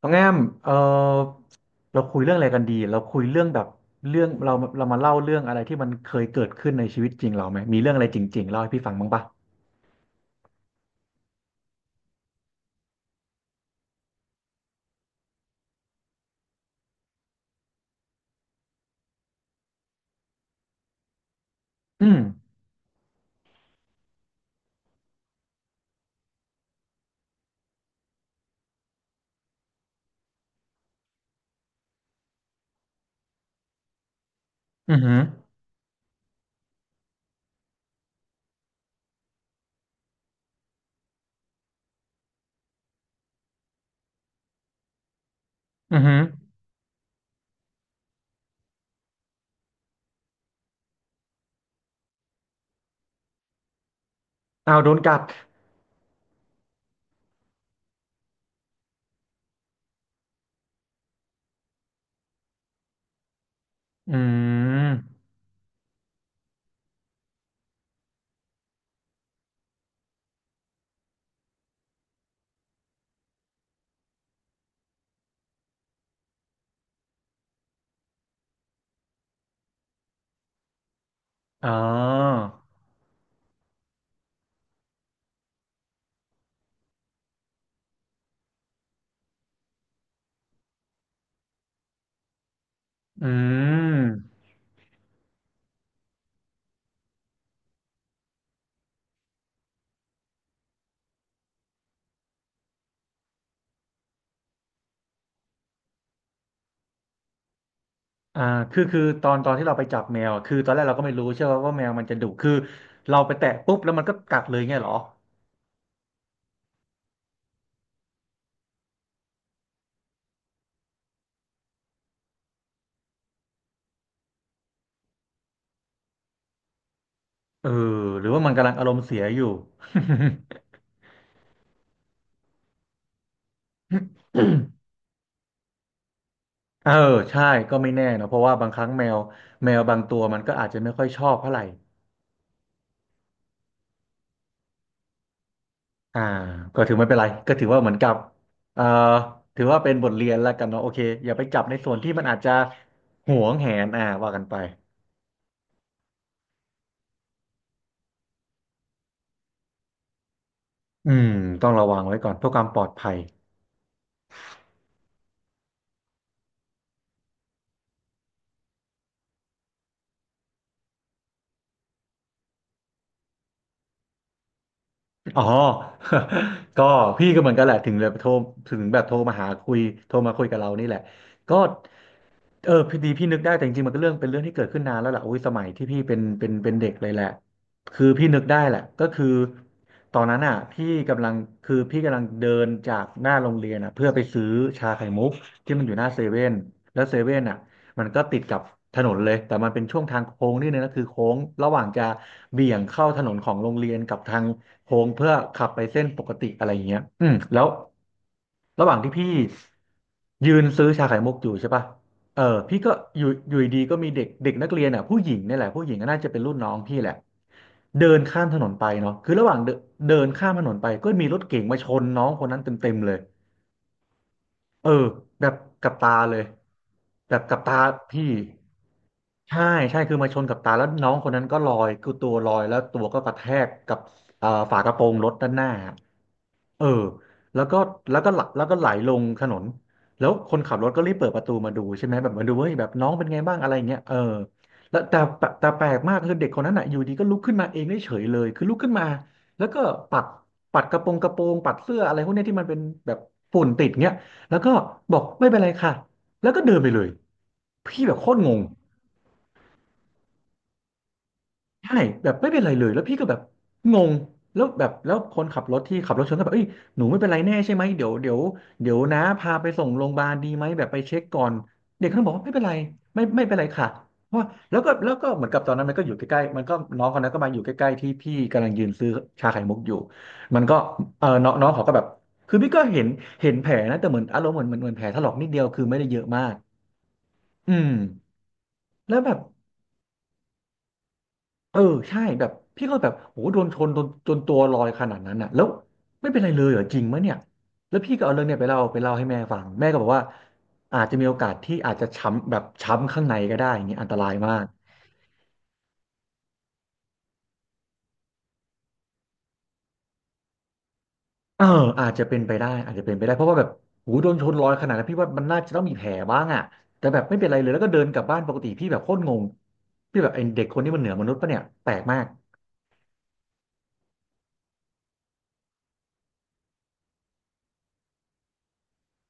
น้องแอมเออเราคุยเรื่องอะไรกันดีเราคุยเรื่องแบบเรื่องเราเรามาเล่าเรื่องอะไรที่มันเคยเกิดขึ้นในชีวิตจริงเราไหมมีเรื่องอะไรจริงๆเล่าให้พี่ฟังบ้างปะอืมอือหืออือหืออ้าวโดนกัดอืมอ๋ออืมอ่าคือตอนที่เราไปจับแมวอะคือตอนแรกเราก็ไม่รู้ใช่ไหมว่าแมวมันจะดุคือเราไปแตะปุ๊บแล้วมันก็กัดเลยเงี้ยเหรอเออหรือว่ามันกำลังอารมณ์เสียอยู่ เออใช่ก็ไม่แน่นะเพราะว่าบางครั้งแมวแมวบางตัวมันก็อาจจะไม่ค่อยชอบเท่าไหร่อ่าก็ถือไม่เป็นไรก็ถือว่าเหมือนกับเอ่อถือว่าเป็นบทเรียนแล้วกันเนาะโอเคอย่าไปจับในส่วนที่มันอาจจะหวงแหนอ่าว่ากันไปอืมต้องระวังไว้ก่อนเพื่อความปลอดภัย อ๋อ ก็พี่ก็เหมือนกันแหละถึงแบบโทรถึงแบบโทรมาหาคุยโทรมาคุยกับเรานี่แหละก็เออพอดีพี่นึกได้แต่จริงๆมันก็เรื่องเป็นเรื่องที่เกิดขึ้นนานแล้วแหละโอ้ยสมัยที่พี่เป็นเด็กเลยแหละคือพี่นึกได้แหละก็คือตอนนั้นอ่ะพี่กำลังเดินจากหน้าโรงเรียนอ่ะเพื่อไปซื้อชาไข่มุกที่มันอยู่หน้าเซเว่นแล้วเซเว่นอ่ะมันก็ติดกับถนนเลยแต่มันเป็นช่วงทางโค้งนิดนึงนะคือโค้งระหว่างจะเบี่ยงเข้าถนนของโรงเรียนกับทาง โค้งเพื่อขับไปเส้นปกติอะไรอย่างเงี้ยอืมแล้วระหว่างที่พี่ยืนซื้อชาไข่มุกอยู่ใช่ปะเออพี่ก็อยู่อยู่ดีๆก็มีเด็กเด็กนักเรียนอ่ะผู้หญิงเนี่ยแหละผู้หญิงก็น่าจะเป็นรุ่นน้องพี่แหละเดินข้ามถนนไปเนาะคือระหว่างเดินเดินข้ามถนนไปก็มีรถเก๋งมาชนน้องคนนั้นเต็มๆเลยเออแบบกับตาเลยแบบกับตาพี่ใช่ใช่คือมาชนกับตาแล้วน้องคนนั้นก็ลอยคือตัวลอยแล้วตัวก็กระแทกกับฝากระโปรงรถด้านหน้า เออแล้วก็แล้วก็แล้วก็ไหลลงถนนแล้วคนขับรถก็รีบเปิดประตูมาดูใช่ไหมแบบมาดูเฮ้ยแบบน้องเป็นไงบ้างอะไรอย่างเงี้ยเออแล้วแต่แปลกมากคือเด็กคนนั้นอ่ะอยู่ดีก็ลุกขึ้นมาเองได้เฉยเลยคือลุกขึ้นมาแล้วก็ปัดกระโปรงปัดเสื้ออะไรพวกเนี้ยที่มันเป็นแบบฝุ่นติดเงี้ยแล้วก็บอกไม่เป็นไรค่ะแล้วก็เดินไปเลยพี่แบบโคตรงง ใช่แบบไม่เป็นไรเลยแล้วพี่ก็แบบงงแล้วแบบแล้วคนขับรถที่ขับรถชนก็แบบเอ้ยหนูไม่เป็นไรแน่ใช่ไหมเดี๋ยวนะพาไปส่งโรงพยาบาลดีไหมแบบไปเช็คก่อนเด็กเขาบอกว่าไม่เป็นไรไม่เป็นไรค่ะเพราะว่าแล้วก็เหมือนกับตอนนั้นมันก็อยู่ใกล้ๆมันก็น้องคนนั้นก็มาอยู่ใกล้ๆที่พี่กำลังยืนซื้อชาไข่มุกอยู่มันก็เออน้องน้องเขาก็แบบคือพี่ก็เห็นเห็นแผลนะแต่เหมือนอารมณ์เหมือนแผลถลอกนิดเดียวคือไม่ได้เยอะมากอืมแล้วแบบ เออใช่แบบพี่ก็แบบโหโดนชนจนตัวลอยขนาดนั้นน่ะแล้วไม่เป็นไรเลยเหรอจริงมะเนี่ยแล้วพี่ก็เอาเรื่องเนี่ยไปเล่าให้แม่ฟังแม่ก็บอกว่าอาจจะมีโอกาสที่อาจจะช้ำแบบช้ำข้างในก็ได้อย่างนี้อันตรายมากเอออาจจะเป็นไปได้อาจจะเป็นไปได้เพราะว่าแบบโหโดนชนลอยขนาดนั้นพี่ว่ามันน่าจะต้องมีแผลบ้างอ่ะแต่แบบไม่เป็นไรเลยแล้วก็เดินกลับบ้านปกติพี่แบบโคตรงงพี่แบบไอ้เด็กคนนี้มันเหนือมนุษย์ปะเนี่ยแปลกมาก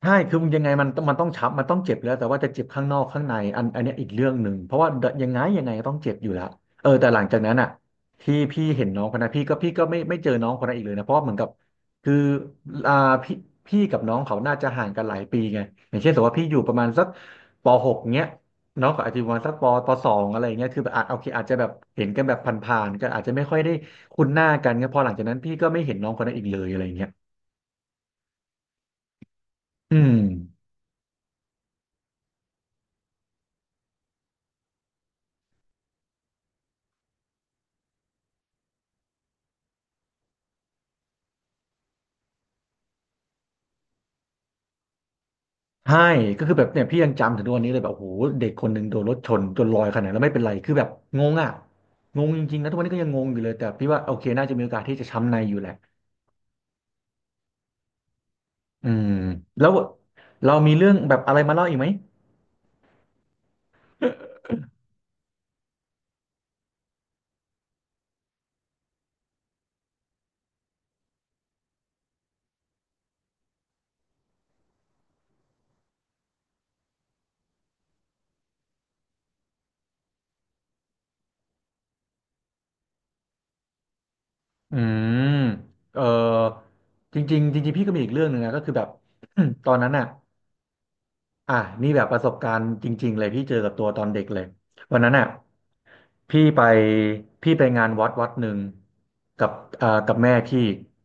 ใช่คือมันยังไงมันต้องช้ำมันต้องเจ็บอยู่แล้วแต่ว่าจะเจ็บข้างนอกข้างในอันเนี้ยอีกเรื่องหนึ่งเพราะว่ายังไงก็ต้องเจ็บอยู่แล้วเออแต่หลังจากนั้นอ่ะที่พี่เห็นน้องคนนั้นพี่ก็ไม่เจอน้องคนนั้นอีกเลยนะเพราะว่าเหมือนกับคืออ่าพี่พี่กับน้องเขาน่าจะห่างกันหลายปีไงอย่างเช่นสมมติว่าพี่อยู่ประมาณสักปหกเงี้ยน้องก็อาจจะอยู่ประมาณสักปปสองอะไรเงี้ยคือแบบอาจโอเคอาจจะแบบเห็นกันแบบผ่านๆกนอาจจะไม่ค่อยได้คุ้นหน้ากันเงี้ยพอหลังจากนั้นพี่ก็ไม่เห็นน้องคนนั้นอีกเลยอะไรเงี้ยอืม ใช่ก็คือแบบเนี่ยพี่ยังจำถึงทุกวันนี้เลยแบบโอ้โหเด็กคนหนึ่งโดนรถชนจนลอยขนาดนั้นแล้วไม่เป็นไรคือแบบงงอ่ะงงจริงๆนะทุกวันนี้ก็ยังงงอยู่เลยแต่พี่ว่าโอเคน่าจะมีโอกาสที่จะช้ำในอยู่แหละอืมแล้วเรามีเรื่องแบบอะไรมาเล่าอีกไหมอืมเออจริงๆจริงๆพี่ก็มีอีกเรื่องหนึ่งนะก็คือแบบ ตอนนั้นอ่ะ อ่ะนี่แบบประสบการณ์จริงๆเลยพี่เจอกับตัวตอนเด็กเลยวันนั้นอ่ะพี่ไปพี่ไปงานวัดวัดหนึ่งกับกับแม่พี่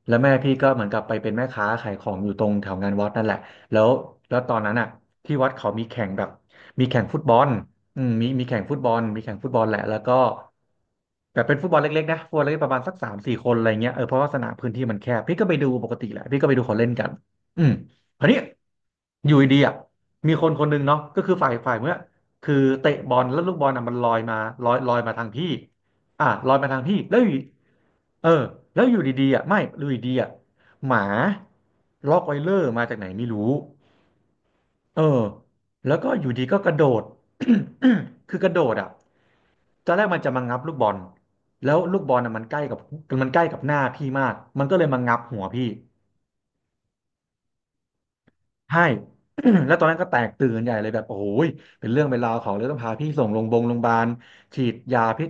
แล้วแม่พี่ก็เหมือนกับไปเป็นแม่ค้าขายของอยู่ตรงแถวงานวัดนั่นแหละแล้วแล้วตอนนั้นอ่ะที่วัดเขามีแข่งแบบมีแข่งฟุตบอลอืมมีแข่งฟุตบอลมีแข่งฟุตบอลแหละแล้วก็แบบเป็นฟุตบอลเล็กๆนะฟุตบอลเล็กๆประมาณสักสามสี่คนอะไรเงี้ยเออเพราะว่าสนามพื้นที่มันแคบพี่ก็ไปดูปกติแหละพี่ก็ไปดูเขาเล่นกันอืมคราวนี้อยู่ดีๆอ่ะ มีคนคนหนึ่งเนาะก็คือฝ่ายเมื่อคือเตะบอลแล้วลูกบอลน่ะมันลอยมาลอยมาทางพี่อ่ะลอยมาทางพี่แล้วอยู่เออแล้วอยู่ดีๆอ่ะไม่อยู่ดีๆอ่ะหมาล็อกไวเลอร์มาจากไหนไม่รู้เออแล้วก็อยู่ดีก็กระโดด คือกระโดดอ่ะตอนแรกมันจะมางับลูกบอลแล้วลูกบอลน่ะมันใกล้กับหน้าพี่มากมันก็เลยมางับหัวพี่ ใช่ แล้วตอนนั้นก็แตกตื่นใหญ่เลยแบบโอ้ยเป็นเรื่องเป็นราวของเลยต้องพาพี่ส่งโรงพยาบาลโรงพยาบาลฉีดยาพิษ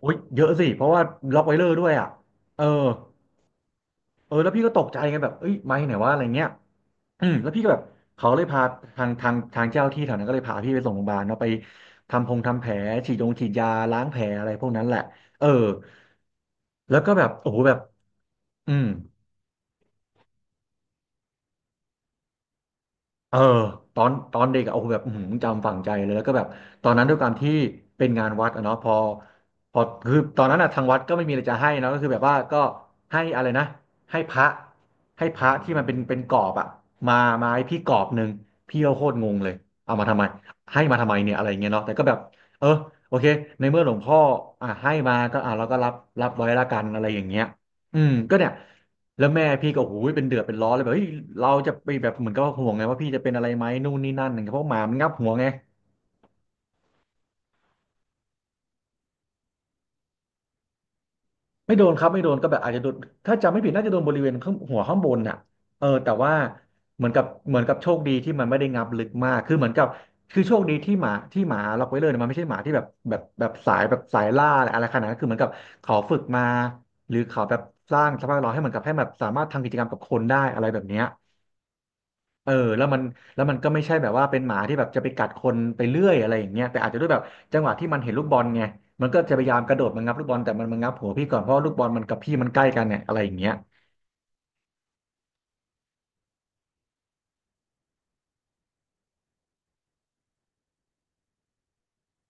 โอ้ยเยอะสิ เพราะว่าล็อกไวเลอร์ด้วยอ่ะเออเออแล้วพี่ก็ตกใจไงแบบเอ้ยไม่ไหนว่าอะไรเงี้ยอืมแล้วพี่ก็แบบเขาเลยพาทางเจ้าที่แถวนั้นก็เลยพาพี่ไปส่งโรงพยาบาลเนาะไปทำพงทำแผลฉีดยงฉีดยาล้างแผลอะไรพวกนั้นแหละเออแล้วก็แบบโอ้โหแบบอืม เออตอนเด็กอะโอ้โหแบบอื้อหือจำฝังใจเลยแล้วก็แบบตอนนั้นด้วยความที่เป็นงานวัดอะเนาะพอคือตอนนั้นอะทางวัดก็ไม่มีอะไรจะให้เนาะก็คือแบบว่าก็ให้อะไรนะให้พระให้พระที่มันเป็นกรอบอะมามาให้พี่กรอบหนึ่งพี่ก็โคตรงงเลยเอามาทำไมให้มาทำไมเนี่ยอะไรเงี้ยเนาะแต่ก็แบบเออโอเคในเมื่อหลวงพ่ออ่ะให้มาก็อ่ะเราก็รับรับไว้ละกันอะไรอย่างเงี้ยอืมก็เนี่ย แล้วแม่พี่ก็โอ้โหเป็นเดือดเป็นร้อนเลยแบบเฮ้ยเราจะไปแบบเหมือนกับว่าห่วงไงว่าพี่จะเป็นอะไรไหมนู่นนี่นั่นอย่างเงี้ยเพราะหมามันงับหัวไงไม่โดนครับไม่โดนก็แบบอาจจะโดนถ้าจำไม่ผิดน่าจะโดนบริเวณข้างหัวข้างบนน่ะเออแต่ว่าเหมือนกับโชคดีที่มันไม่ได้งับลึกมากคือเหมือนกับคือโชคดีที่หมาล็อกไว้เลยเนะมันไม่ใช่หมาที่แบบสายล่าอะไรอะไรขนาดนั้นคือเหมือนกับเขาฝึกมาหรือเขาแบบสร้างสภาพแวดล้อมให้เหมือนกับให้แบบสามารถทำกิจกรรมกับคนได้อะไรแบบเนี้ย เออแล้วมันแล้วมันก็ไม่ใช่แบบว่าเป็นหมาที่แบบจะไปกัดคนไปเรื่อยอะไรอย่างเงี้ยแต่อาจจะด้วยแบบจังหวะที่มันเห็นลูกบอลไงมันก็จะพยายามกระโดดมางับลูกบอลแต่มันมางับหัวพี่ก่อนเพราะว่าลูกบอลมันกับพี่มันใกล้กันเนี่ยอะไรอย่างเงี้ย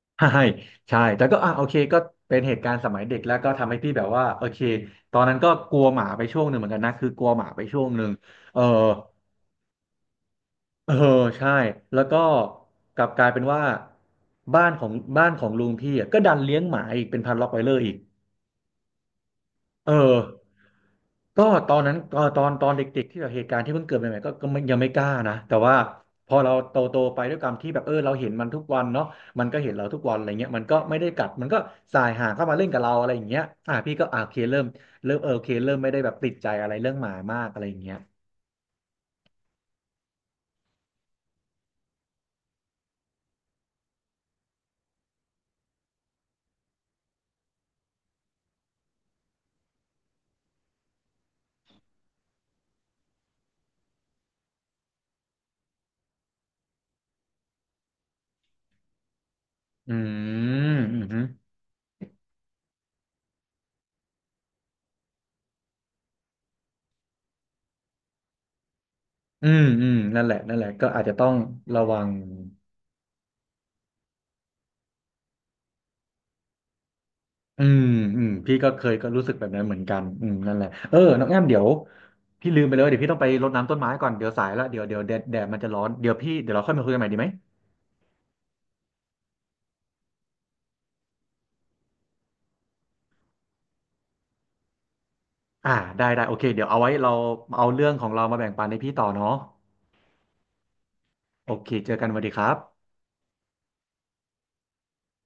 ใช่ใช่แต่ก็อ่ะโอเคก็เป็นเหตุการณ์สมัยเด็กแล้วก็ทำให้พี่แบบว่าโอเคตอนนั้นก็กลัวหมาไปช่วงหนึ่งเหมือนกันนะคือกลัวหมาไปช่วงหนึ่งเออเออใช่แล้วก็กลับกลายเป็นว่าบ้านของบ้านของลุงพี่อ่ะก็ดันเลี้ยงหมาอีกเป็นพันล็อตไวเลอร์อีก เออ ก็ตอนนั้นตอนเด็กๆที่แบบเหตุการณ์ที่เพิ่งเกิดใหม่ๆก็ไม่ยังไม่กล้านะแต่ว่าพอเราโตไปด้วยความที่แบบเออเราเห็นมันทุกวันเนาะมันก็เห็นเราทุกวันอะไรเงี้ยมันก็ไม่ได้กัดมันก็สายหางเข้ามาเล่นกับเราอะไรอย่างเงี้ยอ่ะพี่ก็อ่ะโอเคเริ่มเออโอเคเริ่มไม่ได้แบบติดใจอะไรเรื่องหมามากอะไรอย่างเงี้ยอืมอืมออืมนั่นแหละก็อาจจะต้องระวัง อืมอืมพี่ก็เคยก็รู้สึกแบบนั้นเหมือนกันอืมนั่นแหละเออน้องแอมเดี๋ยวพี่ลืมไปเลยเดี๋ยวพี่ต้องไปรดน้ำต้นไม้ก่อนเดี๋ยวสายแล้วเดี๋ยวแดดมันจะร้อนเดี๋ยวพี่เดี๋ยวเราค่อยมาคุยกันใหม่ดีไหมอ่าได้โอเคเดี๋ยวเอาไว้เราเอาเรื่องของเรามาแบ่งปันให้พี่ต่อเนาะโอเคเจอกันสวัสดีครับ